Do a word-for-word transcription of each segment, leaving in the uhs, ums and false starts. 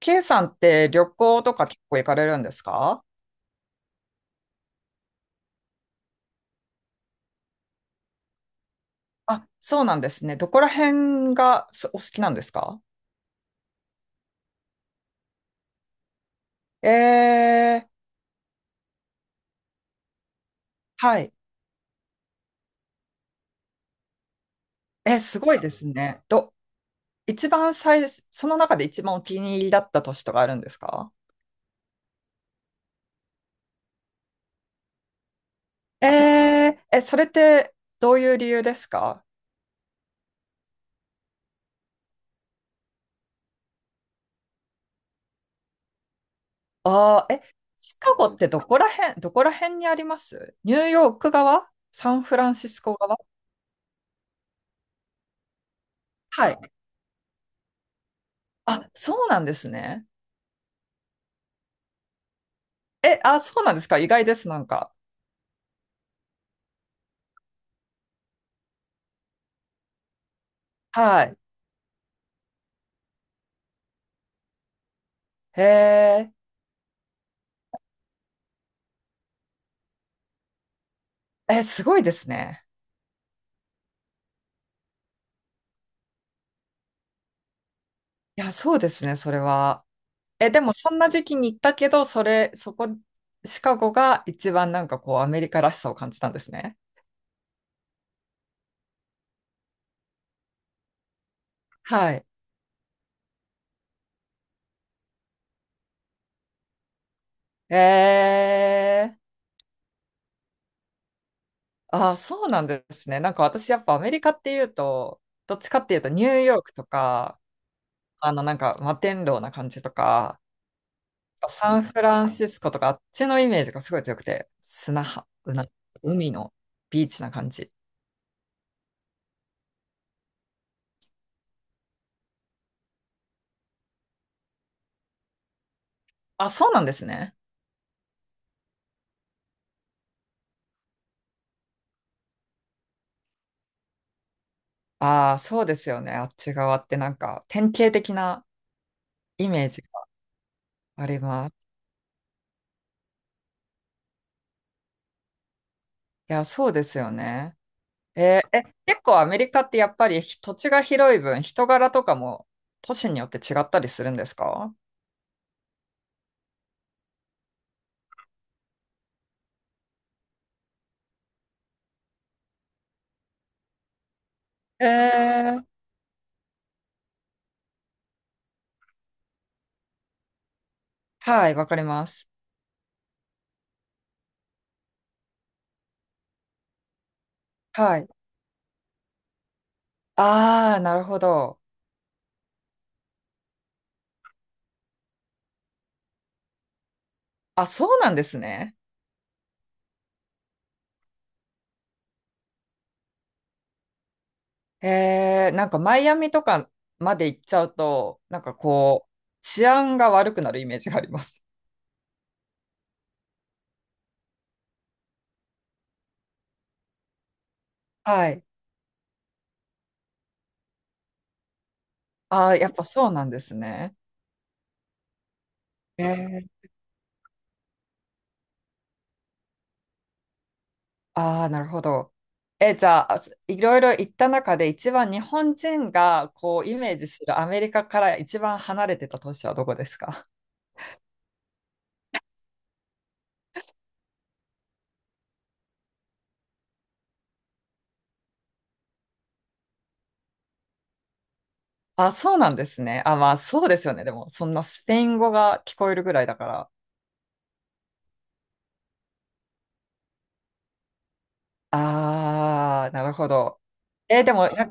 K さんって旅行とか結構行かれるんですかあ、そうなんですね。どこら辺がすお好きなんですか？えー、はい。え、すごいですね。ど、一番最、その中で一番お気に入りだった都市とかあるんですか？えー、え、それってどういう理由ですか？ああー、え、シカゴってどこら辺、どこら辺にあります？ニューヨーク側？サンフランシスコ側？はい。あ、そうなんですね。え、あ、そうなんですか？意外です、なんか。はい。へえ、え、すごいですね。いや、そうですね、それは。え、でもそんな時期に行ったけど、それ、そこ、シカゴが一番なんかこう、アメリカらしさを感じたんですね。はい。へえー、あ、そうなんですね。なんか私やっぱアメリカっていうと、どっちかっていうとニューヨークとか、あのなんか摩天楼な感じとか、サンフランシスコとかあっちのイメージがすごい強くて、砂浜、な海のビーチな感じ。あ、そうなんですね。ああ、そうですよね。あっち側ってなんか典型的なイメージがあります。いや、そうですよね。えーえ、結構アメリカってやっぱり土地が広い分、人柄とかも都市によって違ったりするんですか？えー、はい、わかります。はい。ああ、なるほど。あ、そうなんですね。えー、なんかマイアミとかまで行っちゃうと、なんかこう、治安が悪くなるイメージがあります。はい。ああ、やっぱそうなんですね。えーああ、なるほど。え、じゃあ、すいろいろ行った中で一番日本人がこうイメージするアメリカから一番離れてた都市はどこですか？あ、そうなんですね。あ、まあそうですよね。でも、そんなスペイン語が聞こえるぐらいだから。ああ、なるほど。え、でも、や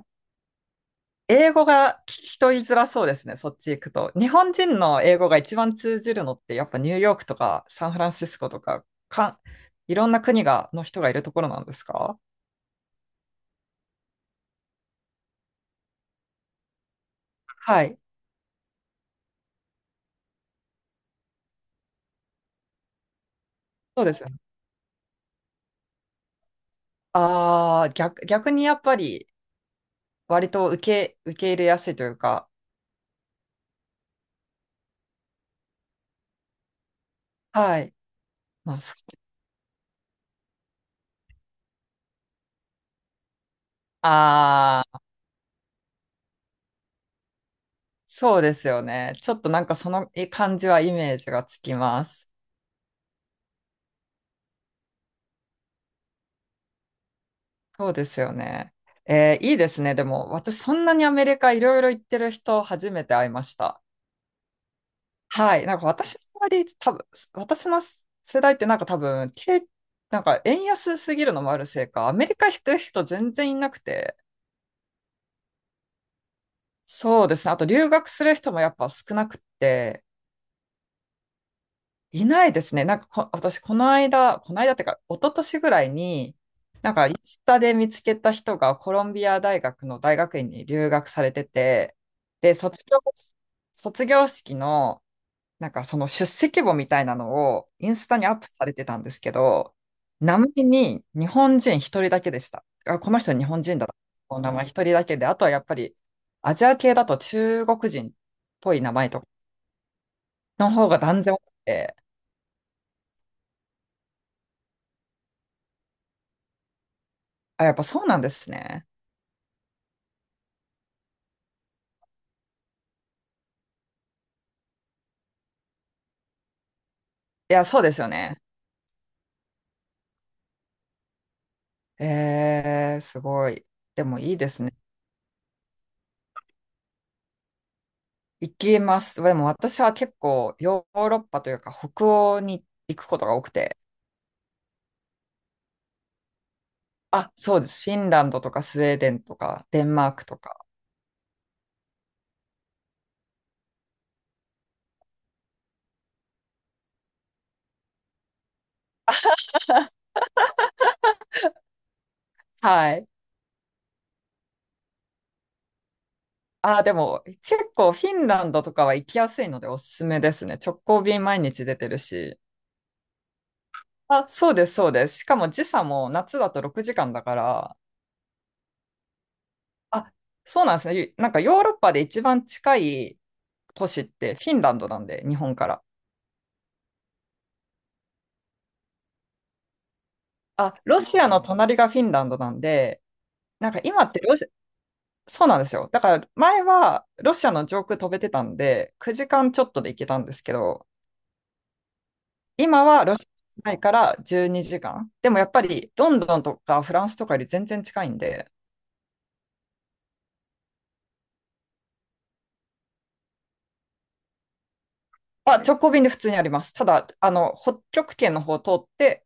英語が聞き取りづらそうですね。そっち行くと。日本人の英語が一番通じるのって、やっぱニューヨークとかサンフランシスコとか、かん、いろんな国が、の人がいるところなんですか？はい。そうですよね。ああ、逆、逆にやっぱり、割と受け、受け入れやすいというか、はい。まあ、そ、ああ、そうですよね。ちょっとなんかそのえ感じはイメージがつきます。そうですよね。えーいいですね。でも、私そんなにアメリカいろいろ行ってる人初めて会いました。はい。なんか私の周り、多分、私の世代ってなんか多分、け、なんか円安すぎるのもあるせいか、アメリカ行く人全然いなくて、そうですね。あと留学する人もやっぱ少なくて、いないですね。なんかこ、私、この間、この間っていうか、一昨年ぐらいに、なんか、インスタで見つけた人がコロンビア大学の大学院に留学されてて、で、卒業、卒業式のなんかその出席簿みたいなのをインスタにアップされてたんですけど、名前に日本人一人だけでした。あ、この人日本人だな。この名前一人だけで、あとはやっぱりアジア系だと中国人っぽい名前とかの方が断然多くて、あ、やっぱそうなんですね。いや、そうですよね。えー、すごい。でもいいですね。行きます。でも私は結構ヨーロッパというか北欧に行くことが多くて、あ、そうです。フィンランドとかスウェーデンとかデンマークとか。はい。あ、でも結構フィンランドとかは行きやすいのでおすすめですね。直行便毎日出てるし。あ、そうです、そうです。しかも時差も夏だとろくじかんだから。あ、そうなんですね。ゆなんかヨーロッパで一番近い都市ってフィンランドなんで、日本から。あ、ロシアの隣がフィンランドなんで、なんか今ってロシア。そうなんですよ。だから前はロシアの上空飛べてたんで、くじかんちょっとで行けたんですけど、今はロシアないからじゅうにじかん。でもやっぱりロンドンとかフランスとかより全然近いんで、まあ、直行便で普通にあります。ただ、あの、北極圏の方を通って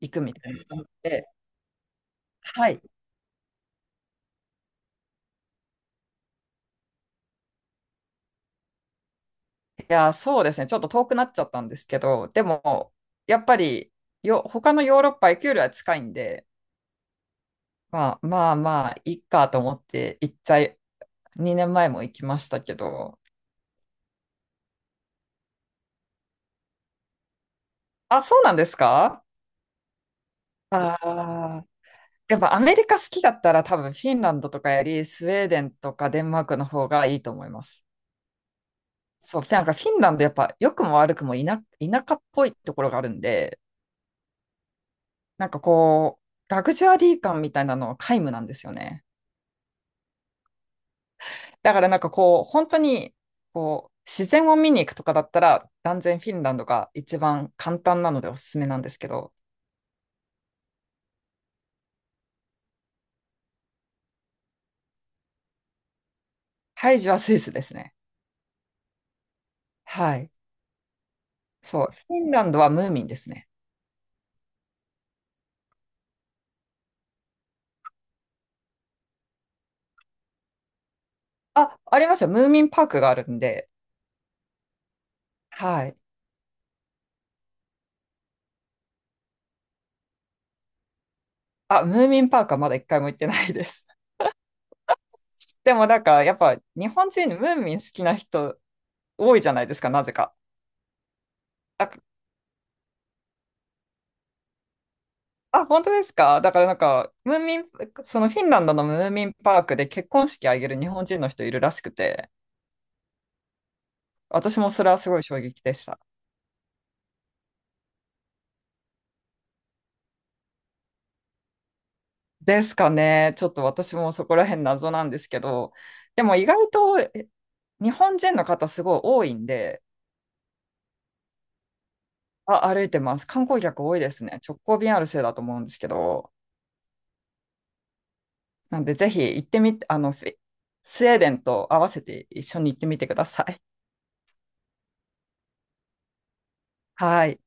行くみたいな感じで。はい。いや、そうですね。ちょっと遠くなっちゃったんですけど、でも、やっぱりよ、他のヨーロッパ行くよりは近いんで、まあまあまあ、いいかと思って行っちゃい、にねんまえも行きましたけど。あ、そうなんですか？ああ、やっぱアメリカ好きだったら多分フィンランドとかよりスウェーデンとかデンマークの方がいいと思います。そう、なんかフィンランドやっぱ良くも悪くも田、田舎っぽいところがあるんで、なんかこう、ラグジュアリー感みたいなのは皆無なんですよね。だからなんかこう、本当にこう、自然を見に行くとかだったら断然フィンランドが一番簡単なのでおすすめなんですけど、ハイジはスイスですね。はい。そう、フィンランドはムーミンですね。あ、ありますよ。ムーミンパークがあるんで、はい。あ、ムーミンパークはまだ一回も行ってないです。でもなんか、やっぱ日本人ムーミン好きな人多いじゃないですか、なぜか。あ、あ本当ですか？だからなんか、ムーミン、そのフィンランドのムーミンパークで結婚式あげる日本人の人いるらしくて、私もそれはすごい衝撃でした。ですかね。ちょっと私もそこら辺謎なんですけど、でも意外とえ日本人の方すごい多いんで、あ、歩いてます。観光客多いですね。直行便あるせいだと思うんですけど。なんで、ぜひ行ってみて、あの、フィスウェーデンと合わせて一緒に行ってみてください。はい。